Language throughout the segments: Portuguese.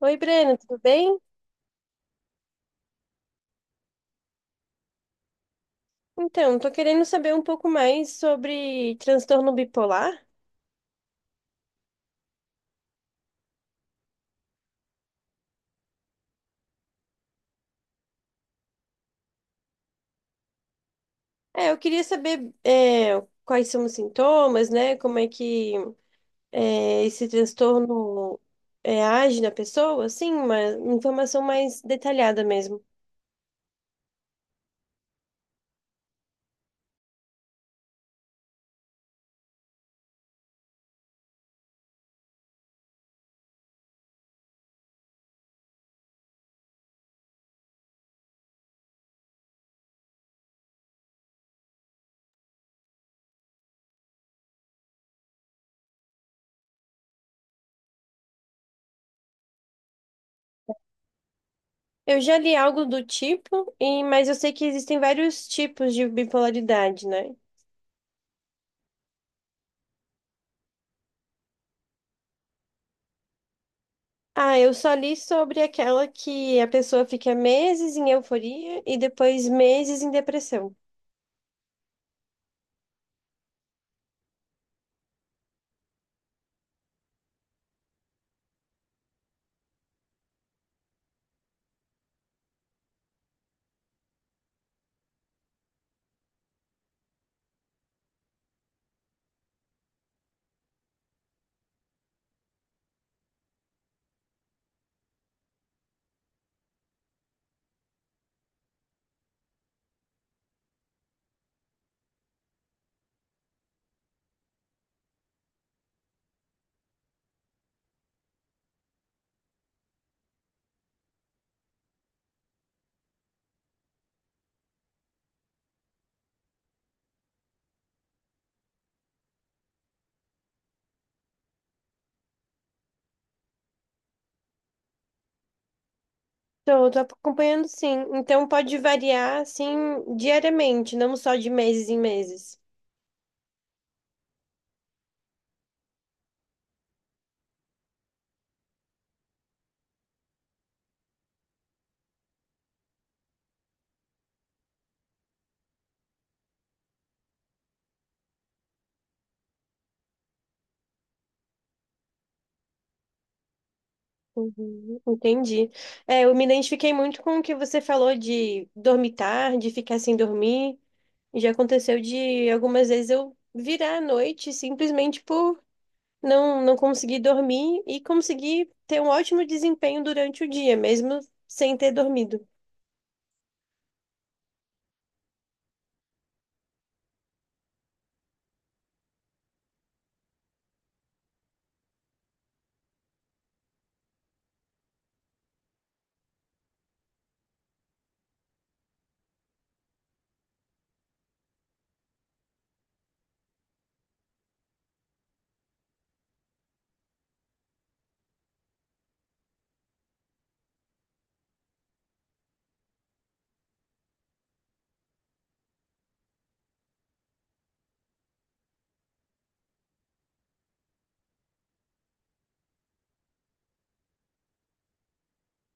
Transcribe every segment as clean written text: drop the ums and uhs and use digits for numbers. Oi, Breno, tudo bem? Então, tô querendo saber um pouco mais sobre transtorno bipolar. Eu queria saber quais são os sintomas, né? Como é que esse transtorno age na pessoa, assim, uma informação mais detalhada mesmo. Eu já li algo do tipo, e, mas eu sei que existem vários tipos de bipolaridade, né? Ah, eu só li sobre aquela que a pessoa fica meses em euforia e depois meses em depressão. Tô acompanhando sim. Então pode variar assim diariamente, não só de meses em meses. Uhum, entendi. É, eu me identifiquei muito com o que você falou de dormir tarde, ficar sem dormir. E já aconteceu de algumas vezes eu virar à noite simplesmente por não conseguir dormir e conseguir ter um ótimo desempenho durante o dia, mesmo sem ter dormido.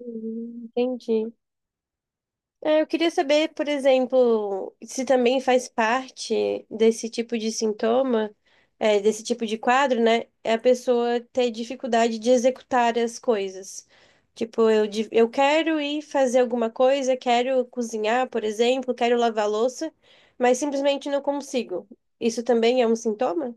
Uhum, entendi. É, eu queria saber, por exemplo, se também faz parte desse tipo de sintoma, desse tipo de quadro, né? É a pessoa ter dificuldade de executar as coisas. Tipo, eu, eu quero ir fazer alguma coisa, quero cozinhar, por exemplo, quero lavar louça, mas simplesmente não consigo. Isso também é um sintoma?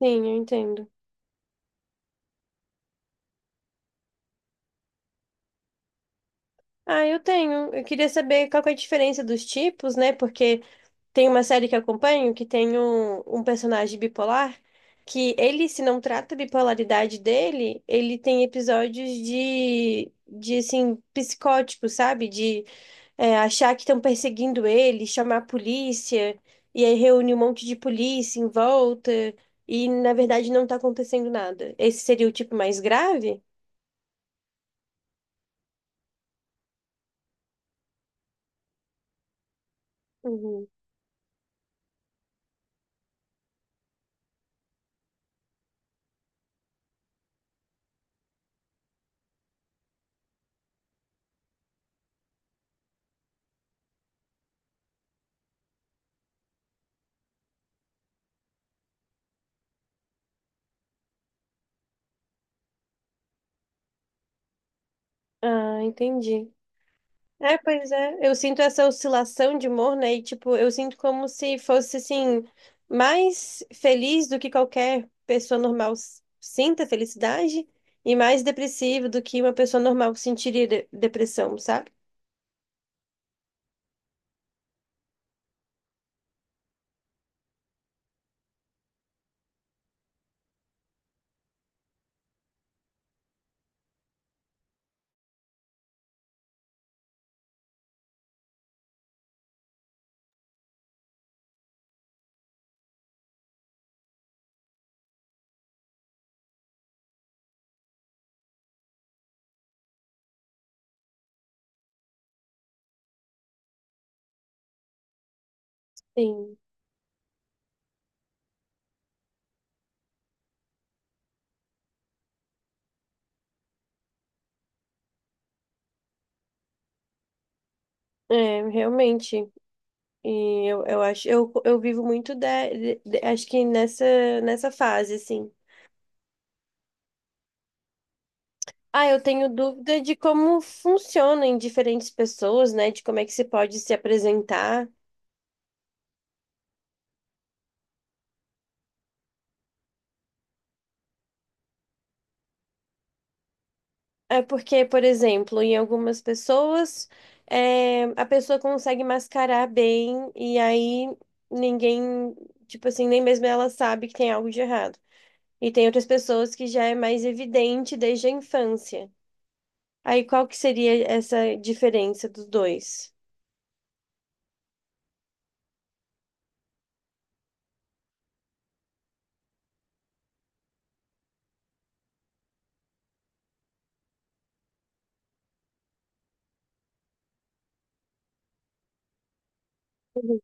Sim, eu entendo. Ah, eu tenho. Eu queria saber qual que é a diferença dos tipos, né? Porque. Tem uma série que eu acompanho que tem um personagem bipolar que ele, se não trata a bipolaridade dele, ele tem episódios de assim, psicótico, sabe? De achar que estão perseguindo ele, chamar a polícia, e aí reúne um monte de polícia em volta, e na verdade não tá acontecendo nada. Esse seria o tipo mais grave? Uhum. Ah, entendi. É, pois é. Eu sinto essa oscilação de humor, né? E, tipo, eu sinto como se fosse, assim, mais feliz do que qualquer pessoa normal sinta felicidade e mais depressivo do que uma pessoa normal sentiria depressão, sabe? Sim. É, realmente. E eu acho, eu vivo muito de, acho que nessa, nessa fase, assim. Ah, eu tenho dúvida de como funciona em diferentes pessoas, né? De como é que se pode se apresentar. É porque, por exemplo, em algumas pessoas, a pessoa consegue mascarar bem e aí ninguém, tipo assim, nem mesmo ela sabe que tem algo de errado. E tem outras pessoas que já é mais evidente desde a infância. Aí qual que seria essa diferença dos dois? Uhum,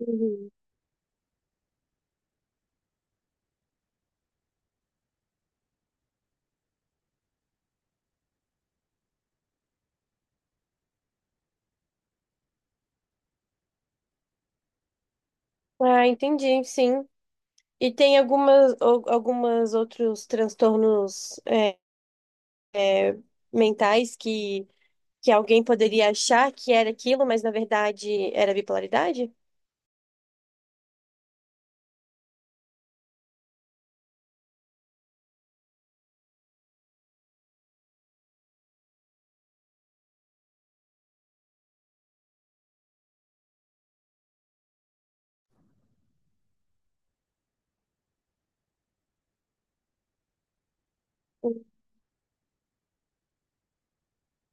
uhum. Ah, entendi, sim. E tem algumas, algumas outros transtornos, mentais que alguém poderia achar que era aquilo, mas na verdade era bipolaridade? Hum,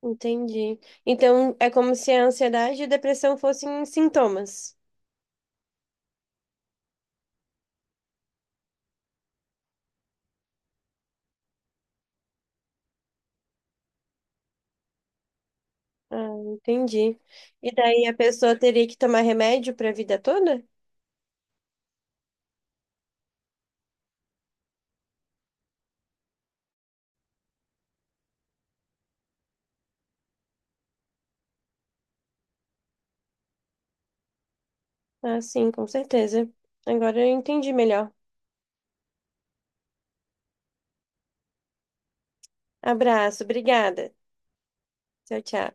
Entendi. Então é como se a ansiedade e a depressão fossem sintomas. Ah, entendi. E daí a pessoa teria que tomar remédio para a vida toda? Ah, sim, com certeza. Agora eu entendi melhor. Abraço, obrigada. Tchau, tchau.